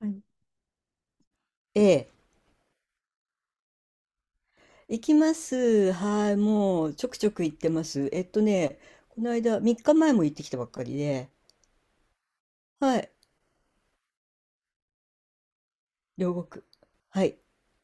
はい。ええ、行きます。はい、もうちょくちょく行ってます。この間、3日前も行ってきたばっかりで、はい、両国。はい、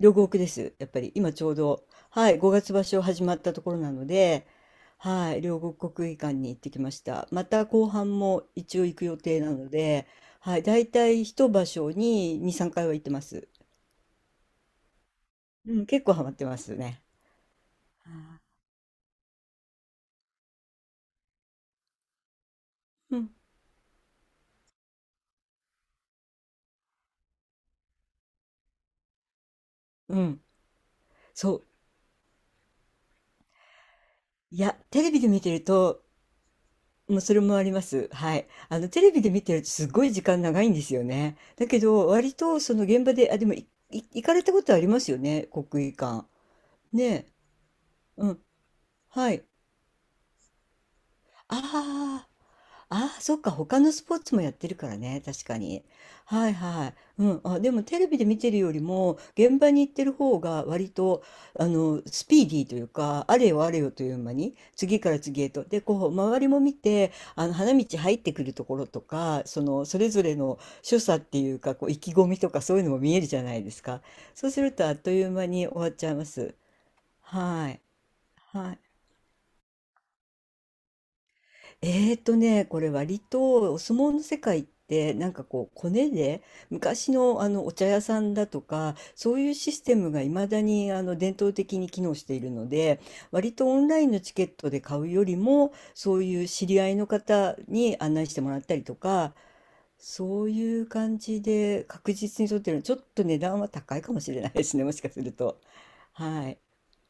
両国です。やっぱり今ちょうど、はい、5月場所始まったところなので、はい、両国国技館に行ってきました。また後半も一応行く予定なので、はい、大体一場所に2、3回は行ってます。うん、結構ハマってますね。はい。うん、うん、そう。いや、テレビで見てると、もうそれもあります。はい。テレビで見てるとすごい時間長いんですよね。だけど、割とその現場で、あ、でも行かれたことありますよね、国技館。ねえ。うん。はい。ああ。ああ、そっか、他のスポーツもやってるからね、確かに。はいはい。うん。あ、でもテレビで見てるよりも、現場に行ってる方が割と、スピーディーというか、あれよあれよという間に、次から次へと。で、こう、周りも見て、花道入ってくるところとか、それぞれの所作っていうか、こう、意気込みとかそういうのも見えるじゃないですか。そうすると、あっという間に終わっちゃいます。はい。はい。これ割とお相撲の世界って、なんかこうコネで、昔のあのお茶屋さんだとかそういうシステムがいまだに伝統的に機能しているので、割とオンラインのチケットで買うよりも、そういう知り合いの方に案内してもらったりとか、そういう感じで確実に取ってるの、ちょっと値段は高いかもしれないですね、もしかすると。はい。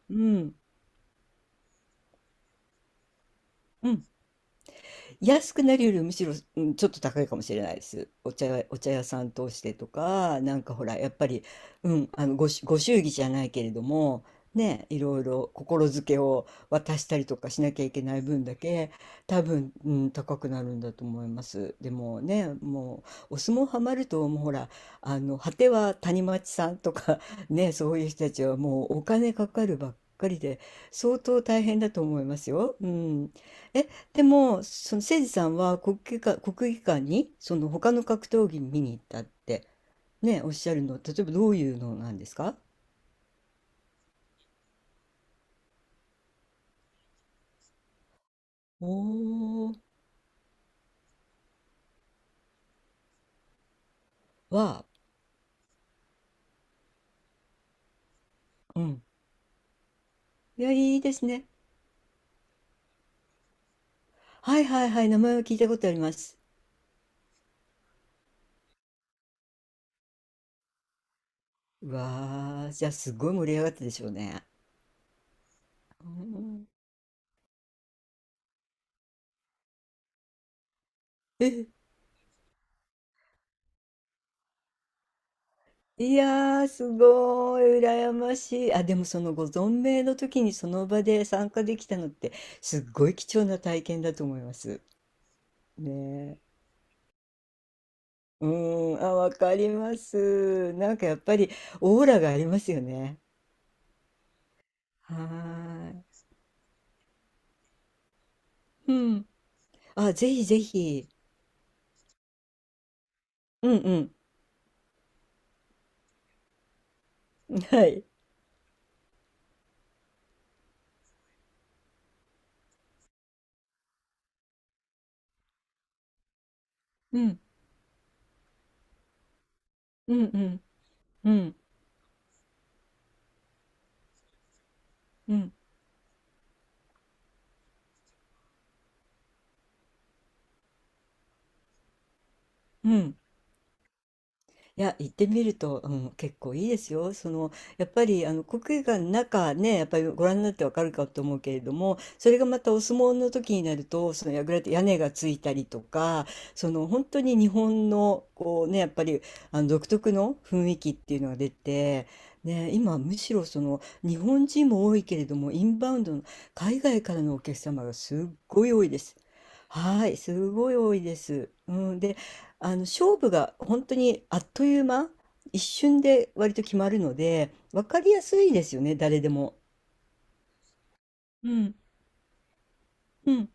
うん。うん。安くなるよりむしろ、うん、ちょっと高いかもしれないです。お茶屋さん通してとか、なんかほら、やっぱり、うん、ご祝儀じゃないけれども、ね、いろいろ心づけを渡したりとかしなきゃいけない分だけ、多分、うん、高くなるんだと思います。でもね、もう、お相撲ハマると、もうほら、果ては谷町さんとか ね、そういう人たちはもうお金かかるばっかりで、相当大変だと思いますよ。うん。え、でも、そのせいじさんは国技館に、その他の格闘技見に行ったって、ね、おっしゃるの、例えばどういうのなんですか？おー、は、うん。いや、いいですね。はいはいはい、名前は聞いたことあります。うわー、じゃあすごい盛り上がったでしょうね。うんえ、いやー、すごい、羨ましい。あ、でもそのご存命の時にその場で参加できたのって、すっごい貴重な体験だと思います。ねえ。うーん、あ、わかります。なんかやっぱりオーラがありますよね。はーい。うん。あ、ぜひぜひ。うんうん。はい。うん。うんうん。うん。うん。うん。いや、行ってみると、うん、結構いいですよ。その、やっぱり、国技館の中ね、やっぱりご覧になってわかるかと思うけれども、それがまたお相撲の時になると、その櫓って屋根がついたりとか、本当に日本の、こうね、やっぱり、独特の雰囲気っていうのが出て、ね、今、むしろ日本人も多いけれども、インバウンドの海外からのお客様がすっごい多いです。はい、すごい多いです。うん、で、あの勝負が本当にあっという間、一瞬で割と決まるので、分かりやすいですよね、誰でも。うん。うん、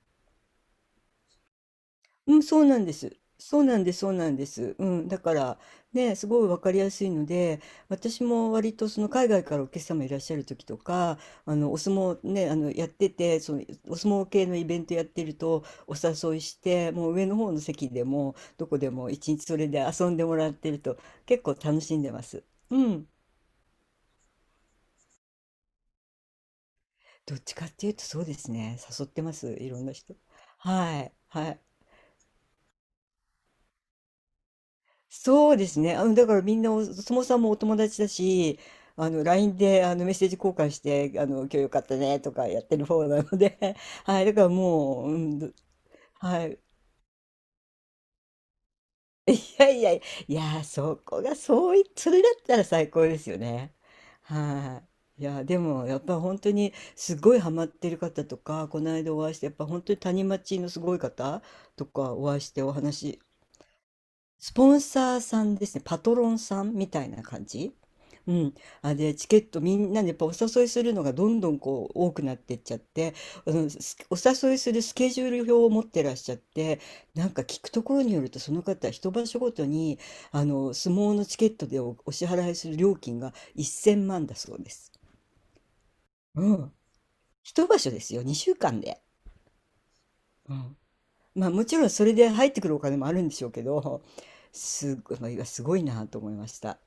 うん、そうなんです。そうなんです、そうなんです。うん、だから、ね、すごい分かりやすいので、私も割とその海外からお客様いらっしゃる時とか、あのお相撲ね、あのやってて、そのお相撲系のイベントやってるとお誘いして、もう上の方の席でもどこでも一日それで遊んでもらってると結構楽しんでます。うん。どっちかっていうとそうですね、誘ってます、いろんな人。はい、はい。そうですね。だからみんなそもさんもお友達だし、LINE でメッセージ交換して、今日よかったねとかやってる方なので、はい、だからもう、うん。はい、いやいやいや、いや、そこが、そうい、それだったら最高ですよね。はい。いや、でも、やっぱ本当に、すごいハマってる方とか、この間お会いして、やっぱ本当に谷町のすごい方とかお会いしてお話。スポンサーさんですね、パトロンさんみたいな感じ。うん。あ、で、チケットみんなでやっぱお誘いするのがどんどんこう多くなってっちゃって、お誘いするスケジュール表を持ってらっしゃって、なんか聞くところによるとその方、一場所ごとに、相撲のチケットでお支払いする料金が1000万だそうです。うん。一場所ですよ、2週間で。うん。まあもちろんそれで入ってくるお金もあるんでしょうけど、すごい、まあすごいなと思いました。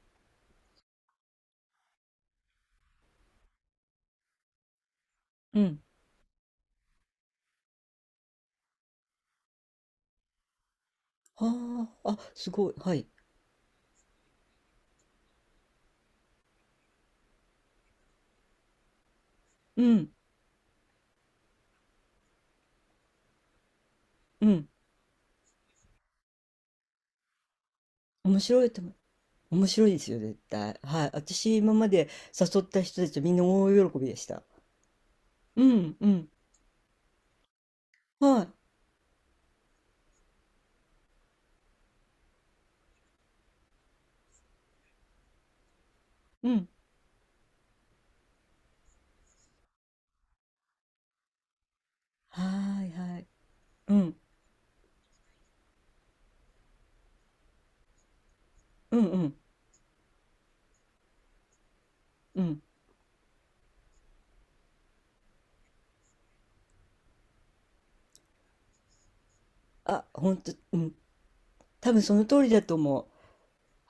うん。はあ、あ、すごい。はい。うん、うん。面白いと思う。面白いですよ、絶対。はい。私、今まで誘った人たちみんな大喜びでした。うん、うん。はい。うん。はいはい。うん。うんうん。うん。あ、ほんと、うん。多分その通りだと思う。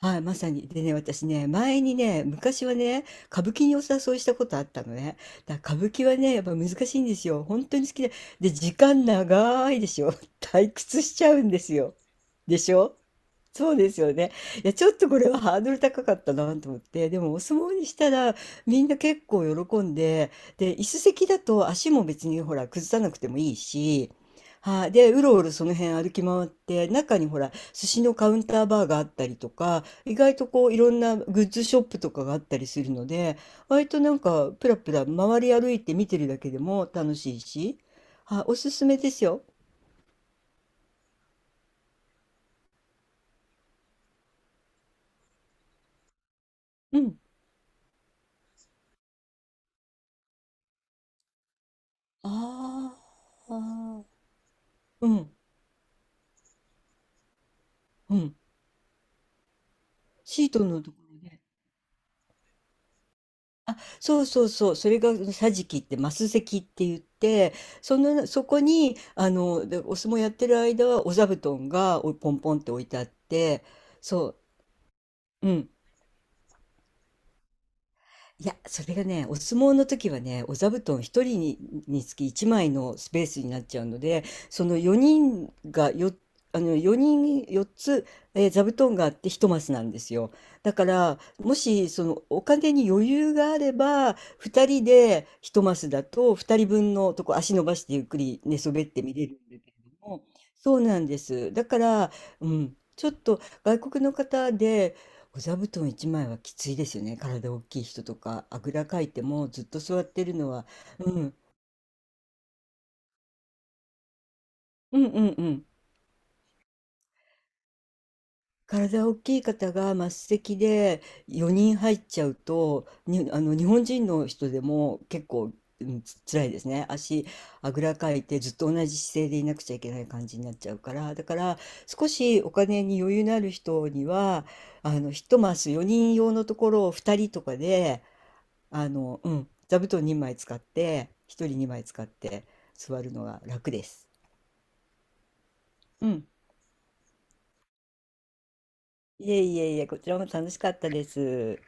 はい、まさに。でね、私ね、前にね、昔はね、歌舞伎にお誘いしたことあったのね。だから歌舞伎はね、やっぱ難しいんですよ。本当に好きで。で、時間長いでしょ。退屈しちゃうんですよ。でしょ？そうですよね。いや、ちょっとこれはハードル高かったなと思って、でもお相撲にしたらみんな結構喜んで、で、椅子席だと足も別にほら崩さなくてもいいし、はい、で、うろうろその辺歩き回って、中にほら寿司のカウンターバーがあったりとか、意外とこういろんなグッズショップとかがあったりするので、割となんかプラプラ回り歩いて見てるだけでも楽しいし、はい、おすすめですよ。うん。ああ。うん。うん。シートのところね。あ、そうそうそう。それが桟敷ってマス席って言って、そこに、でお相撲やってる間はお座布団がおポンポンって置いてあって、そう。うん。いや、それがね、お相撲の時はね、お座布団1人につき1枚のスペースになっちゃうので、その4人がよ、あの4人4つ、座布団があって1マスなんですよ。だからもしそのお金に余裕があれば2人で1マスだと2人分のとこ足伸ばしてゆっくり寝そべって見れるんだけれども、そうなんです。だから、うん、ちょっと外国の方でお座布団1枚はきついですよね。体大きい人とか、あぐらかいてもずっと座ってるのは、うん、うんうんうん。体大きい方が末席で4人入っちゃうと、に、あの、日本人の人でも結構、うん、辛いですね。足、あぐらかいてずっと同じ姿勢でいなくちゃいけない感じになっちゃうから。だから、少しお金に余裕のある人には、一マス4人用のところを2人とかで、うん、座布団2枚使って、1人2枚使って座るのが楽です。うん。いえいえいえ、こちらも楽しかったです。